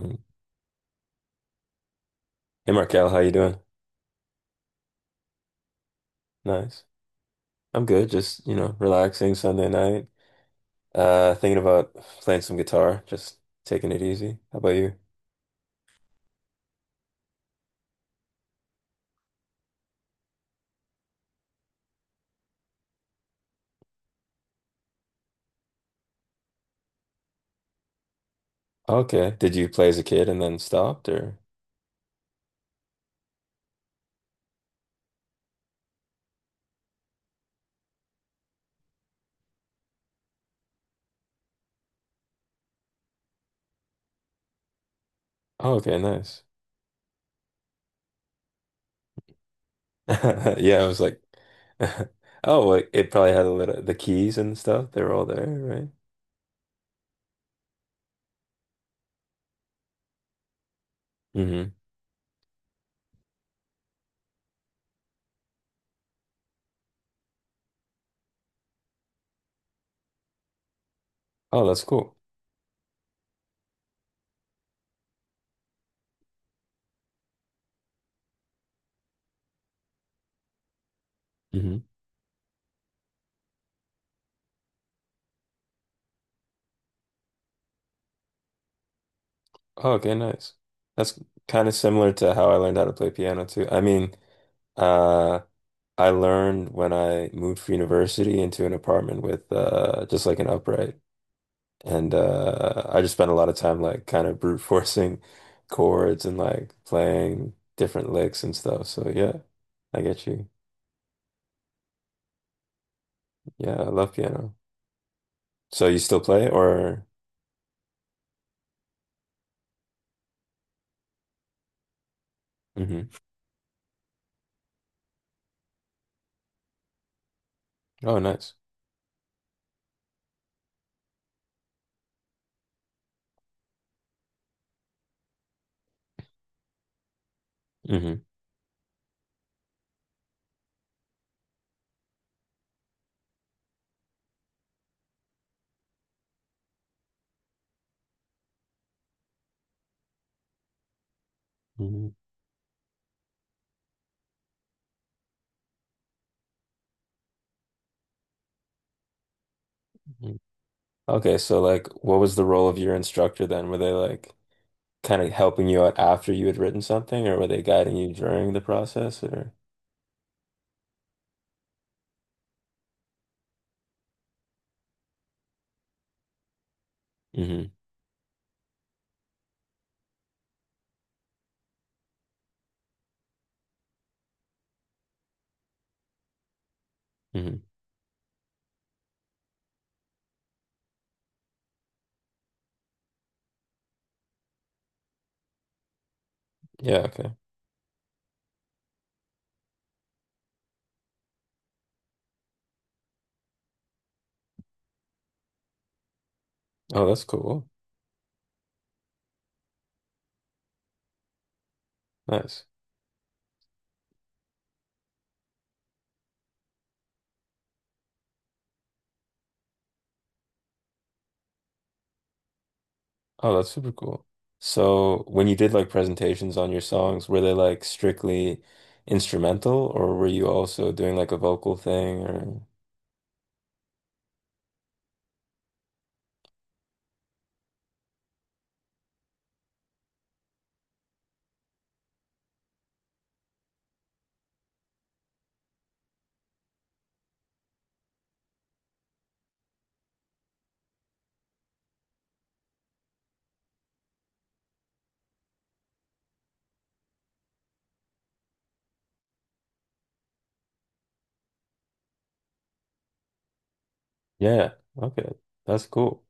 Mm. Hey Markel, how you doing? Nice. I'm good. Just, you know, relaxing Sunday night. Thinking about playing some guitar, just taking it easy. How about you? Okay. Did you play as a kid and then stopped or? Oh, okay, nice. Yeah, I was like, oh, well, it probably had a little the keys and stuff. They were all there, right? Hmm. Oh, that's cool. Hmm. Oh, okay, nice. That's kind of similar to how I learned how to play piano too. I mean, uh, I learned when I moved for university into an apartment with just like an upright. And I just spent a lot of time like kind of brute forcing chords and like playing different licks and stuff. So yeah, I get you. Yeah, I love piano. So you still play or? Hmm. Oh, nice. Hmm. Hmm. Okay, so like what was the role of your instructor then? Were they like kind of helping you out after you had written something or were they guiding you during the process or? Hmm. Hmm. Yeah, okay. Oh, that's cool. Nice. Oh, that's super cool. So, when you did like presentations on your songs, were they like strictly instrumental or were you also doing like a vocal thing or yeah, okay. That's cool.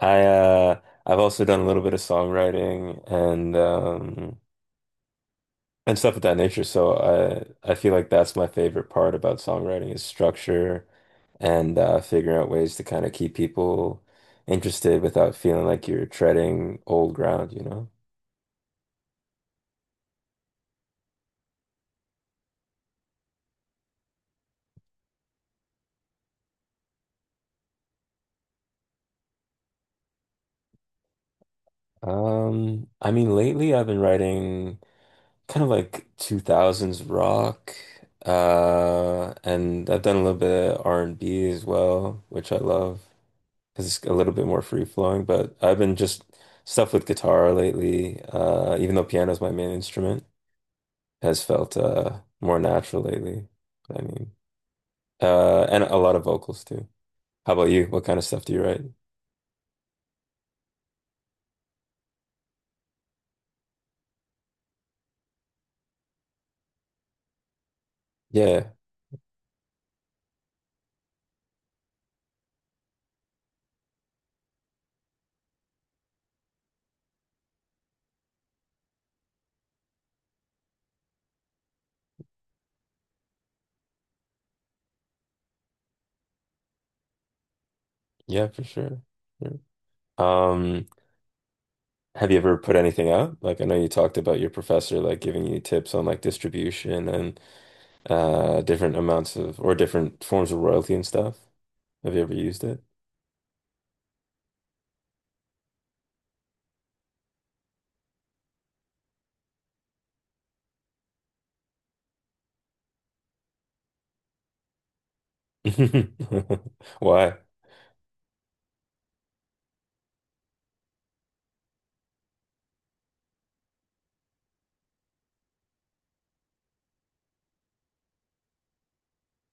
I I've also done a little bit of songwriting and stuff of that nature. So I feel like that's my favorite part about songwriting is structure and figuring out ways to kind of keep people interested without feeling like you're treading old ground, you know? I mean, lately I've been writing kind of like 2000s rock, and I've done a little bit of R&B as well, which I love because it's a little bit more free flowing. But I've been just stuff with guitar lately, even though piano is my main instrument. Has felt more natural lately. I mean, and a lot of vocals too. How about you? What kind of stuff do you write? Yeah, yeah, for sure. Sure. Um, have you ever put anything out? Like, I know you talked about your professor like giving you tips on like distribution and different amounts of or different forms of royalty and stuff. Have you ever used it? Why?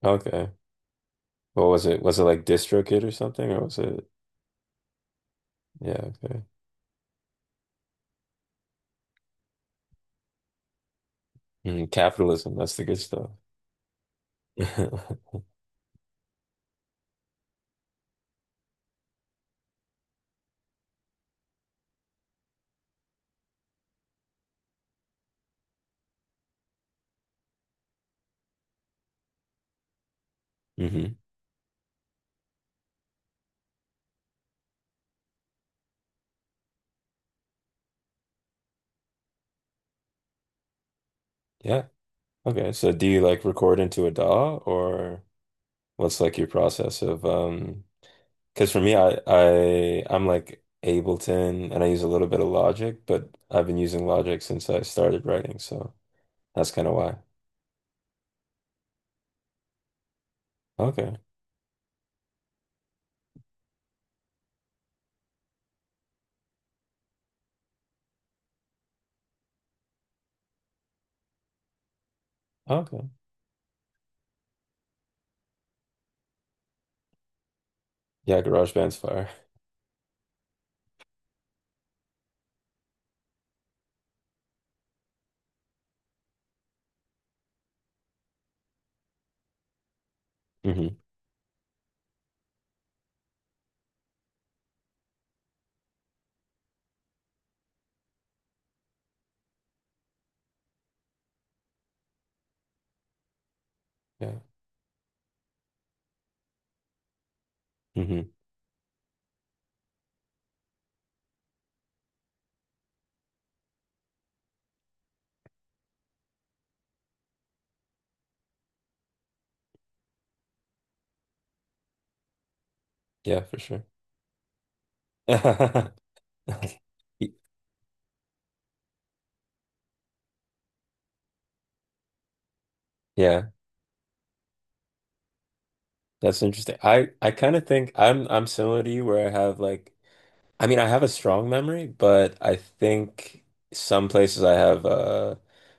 Okay. What was it? Was it like DistroKid or something, or was it? Yeah. Okay. Mm, capitalism. That's the good stuff. Hmm. Yeah. Okay. So, do you like record into a DAW or? What's like your process of because for me I'm like Ableton and I use a little bit of Logic, but I've been using Logic since I started writing, so that's kind of why. Okay. Okay. Yeah, GarageBand's fire. Hmm. Yeah. Hmm. Yeah, for sure. Y- Yeah, that's interesting. I kind of think I'm similar to you where I have like I mean, I have a strong memory, but I think some places I have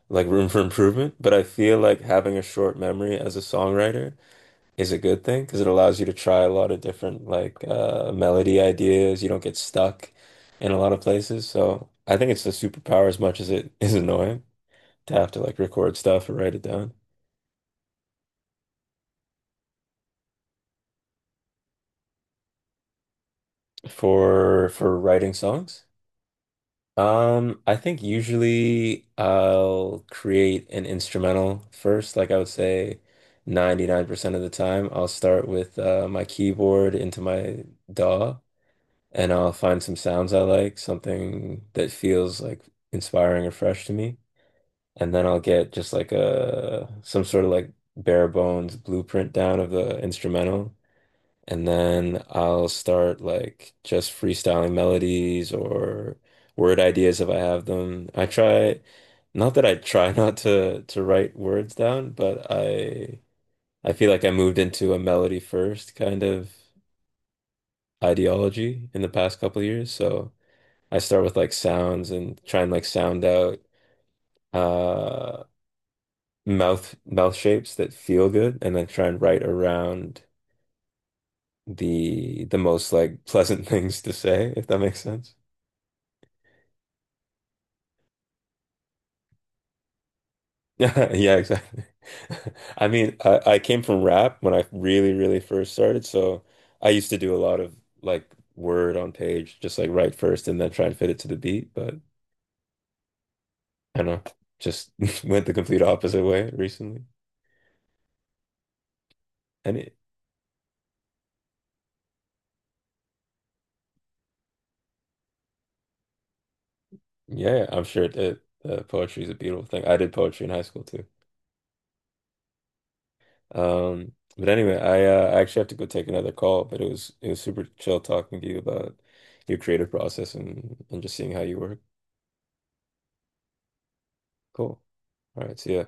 like room for improvement, but I feel like having a short memory as a songwriter is a good thing because it allows you to try a lot of different like melody ideas. You don't get stuck in a lot of places. So I think it's a superpower as much as it is annoying to have to like record stuff or write it down for writing songs. I think usually I'll create an instrumental first. Like I would say 99% of the time, I'll start with my keyboard into my DAW and I'll find some sounds I like, something that feels like inspiring or fresh to me. And then I'll get just like a some sort of like bare bones blueprint down of the instrumental. And then I'll start like just freestyling melodies or word ideas if I have them. I try, not that I try not to write words down, but I feel like I moved into a melody first kind of ideology in the past couple of years. So I start with like sounds and try and like sound out uh mouth shapes that feel good and then try and write around the most like pleasant things to say, if that makes sense. Yeah, exactly. I mean, I came from rap when I really, really first started, so I used to do a lot of like word on page, just like write first and then try and fit it to the beat, but I don't know, just went the complete opposite way recently. And it, yeah, I'm sure it, poetry is a beautiful thing. I did poetry in high school too. But anyway, I actually have to go take another call, but it was super chill talking to you about your creative process and just seeing how you work. Cool. All right, see ya.